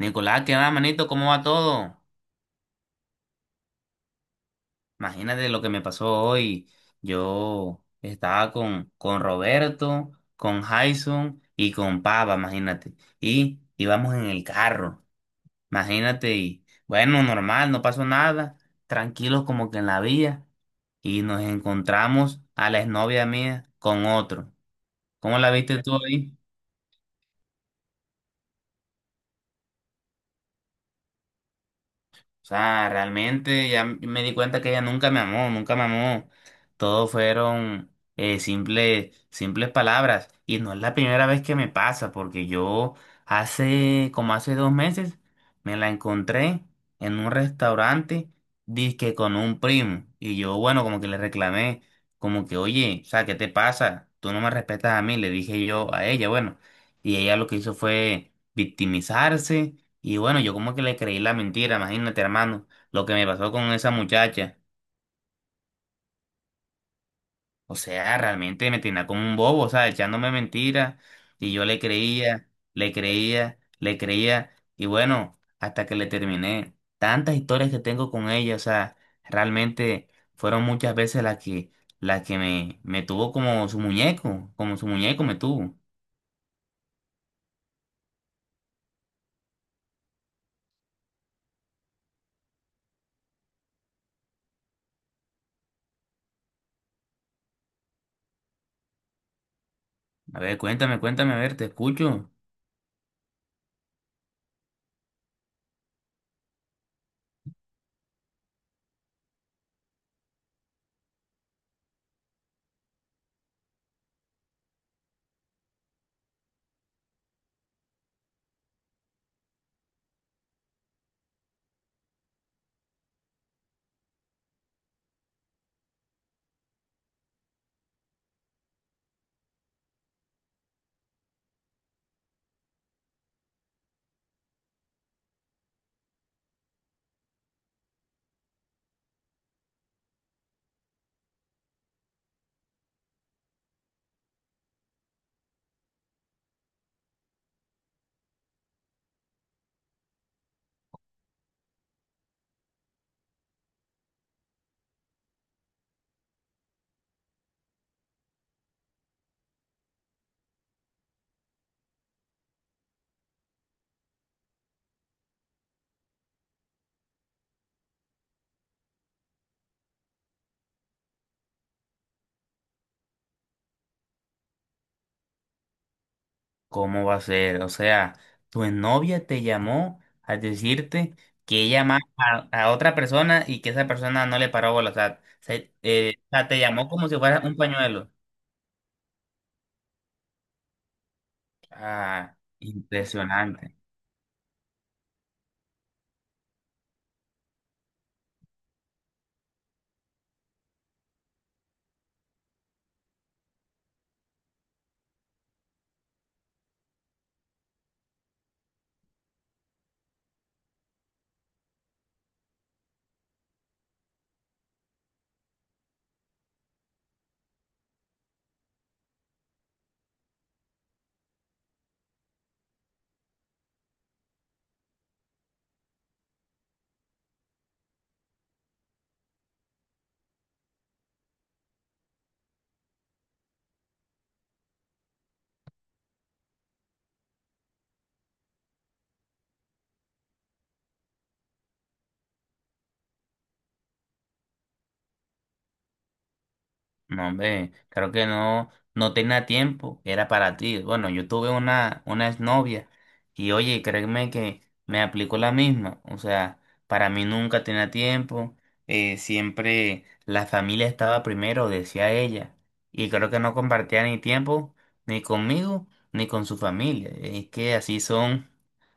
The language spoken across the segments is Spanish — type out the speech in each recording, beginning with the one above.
Nicolás, ¿qué va, manito? ¿Cómo va todo? Imagínate lo que me pasó hoy. Yo estaba con Roberto, con Jason y con Papa, imagínate. Y íbamos en el carro, imagínate. Y bueno, normal, no pasó nada. Tranquilos como que en la vía. Y nos encontramos a la exnovia mía con otro. ¿Cómo la viste tú ahí? O sea, realmente ya me di cuenta que ella nunca me amó, nunca me amó. Todo fueron simples, simples palabras. Y no es la primera vez que me pasa, porque yo como hace dos meses me la encontré en un restaurante, disque con un primo. Y yo, bueno, como que le reclamé, como que, oye, o sea, ¿qué te pasa? Tú no me respetas a mí, le dije yo a ella, bueno. Y ella lo que hizo fue victimizarse, y bueno, yo como que le creí la mentira, imagínate, hermano, lo que me pasó con esa muchacha. O sea, realmente me tenía como un bobo, o sea, echándome mentiras. Y yo le creía, le creía, le creía. Y bueno, hasta que le terminé. Tantas historias que tengo con ella, o sea, realmente fueron muchas veces las que me tuvo como su muñeco me tuvo. A ver, cuéntame, cuéntame, a ver, te escucho. ¿Cómo va a ser? O sea, tu novia te llamó a decirte que ella ama a otra persona y que esa persona no le paró bola. O sea, o sea, te llamó como si fuera un pañuelo. Ah, impresionante. No, hombre, creo que no, no tenía tiempo, era para ti. Bueno, yo tuve una exnovia y oye, créeme que me aplicó la misma. O sea, para mí nunca tenía tiempo, siempre la familia estaba primero, decía ella. Y creo que no compartía ni tiempo, ni conmigo, ni con su familia. Es que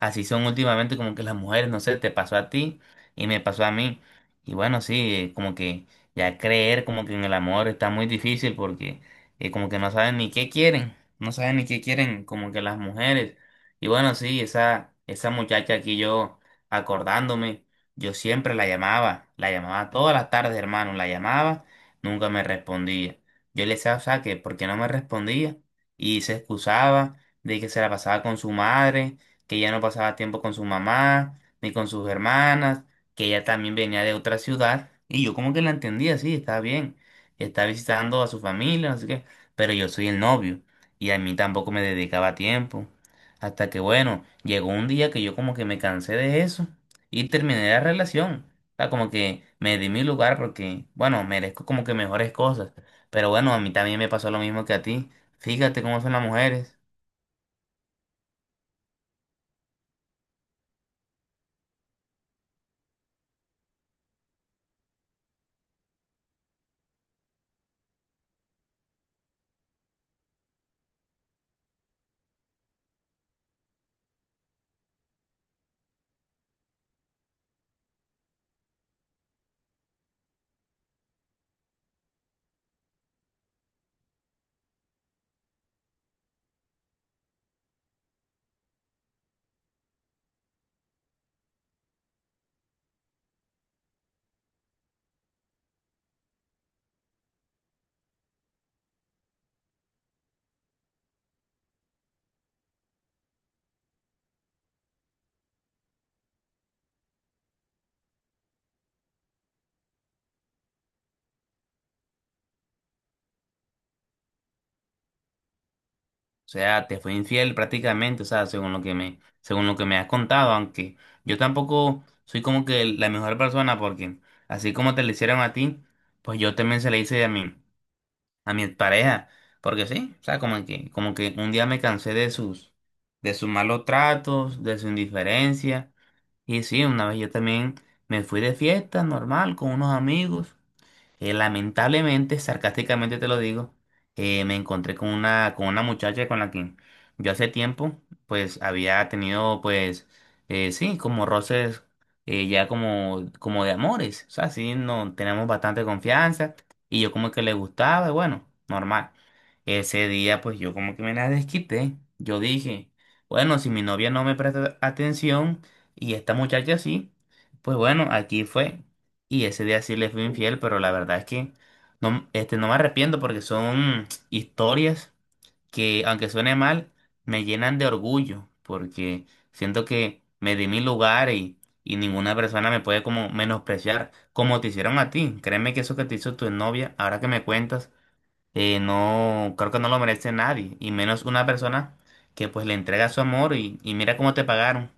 así son últimamente como que las mujeres, no sé, te pasó a ti y me pasó a mí. Y bueno, sí, como que ya creer como que en el amor está muy difícil porque como que no saben ni qué quieren, no saben ni qué quieren como que las mujeres. Y bueno, sí, esa muchacha aquí yo acordándome, yo siempre la llamaba todas las tardes, hermano, la llamaba, nunca me respondía. Yo le decía, o sea, que porque no me respondía y se excusaba de que se la pasaba con su madre, que ya no pasaba tiempo con su mamá, ni con sus hermanas, que ella también venía de otra ciudad y yo como que la entendía, sí, está bien, está visitando a su familia, así que, pero yo soy el novio y a mí tampoco me dedicaba tiempo. Hasta que bueno, llegó un día que yo como que me cansé de eso y terminé la relación. O sea, como que me di mi lugar porque, bueno, merezco como que mejores cosas. Pero bueno, a mí también me pasó lo mismo que a ti. Fíjate cómo son las mujeres. O sea, te fue infiel prácticamente, o sea, según lo que me has contado, aunque yo tampoco soy como que la mejor persona porque así como te lo hicieron a ti, pues yo también se le hice a mi pareja, porque sí, o sea, como que un día me cansé de de sus malos tratos, de su indiferencia, y sí, una vez yo también me fui de fiesta normal con unos amigos, lamentablemente, sarcásticamente te lo digo, me encontré con una muchacha con la que yo hace tiempo, pues, había tenido, pues, sí, como roces, ya como, como de amores. O sea, sí, no, tenemos bastante confianza y yo como que le gustaba, y bueno, normal. Ese día, pues, yo como que me la desquité. Yo dije, bueno, si mi novia no me presta atención y esta muchacha sí, pues bueno, aquí fue. Y ese día sí les fui infiel, pero la verdad es que no, no me arrepiento porque son historias que, aunque suene mal, me llenan de orgullo, porque siento que me di mi lugar y ninguna persona me puede como menospreciar, como te hicieron a ti. Créeme que eso que te hizo tu novia, ahora que me cuentas, no, creo que no lo merece nadie, y menos una persona que pues le entrega su amor y mira cómo te pagaron.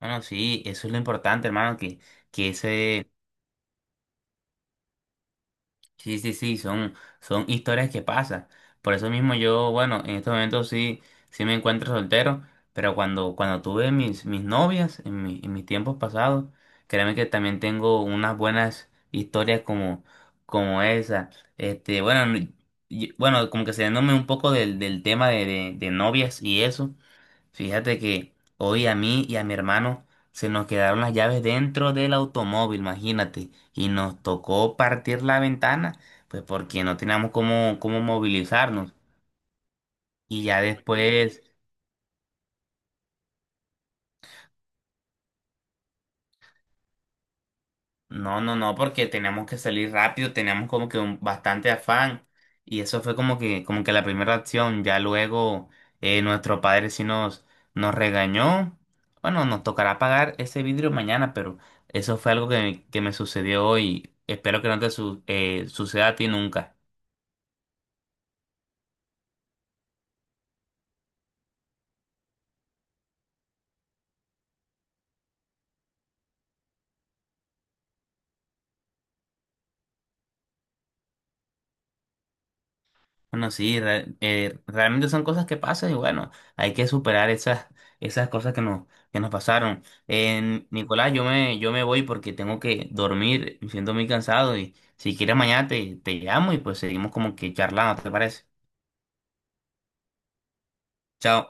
Bueno, sí, eso es lo importante, hermano, que ese. Sí, sí, sí, son, son historias que pasan. Por eso mismo yo, bueno, en estos momentos sí, sí me encuentro soltero, pero cuando tuve mis novias en, en mis tiempos pasados, créeme que también tengo unas buenas historias como, como esa. Este, bueno, n- bueno, como que saliéndome un poco del tema de, de novias y eso. Fíjate que hoy a mí y a mi hermano se nos quedaron las llaves dentro del automóvil, imagínate, y nos tocó partir la ventana, pues porque no teníamos cómo, cómo movilizarnos. Y ya no. Después no, no, no, porque teníamos que salir rápido, teníamos como que un, bastante afán y eso fue como que la primera acción. Ya luego nuestro padre sí nos, nos regañó. Bueno, nos tocará pagar ese vidrio mañana, pero eso fue algo que me sucedió hoy. Espero que no te suceda a ti nunca. Bueno, sí, realmente son cosas que pasan y bueno, hay que superar esas, esas cosas que nos pasaron. Nicolás, yo me voy porque tengo que dormir, me siento muy cansado y si quieres mañana te llamo y pues seguimos como que charlando, ¿te parece? Chao.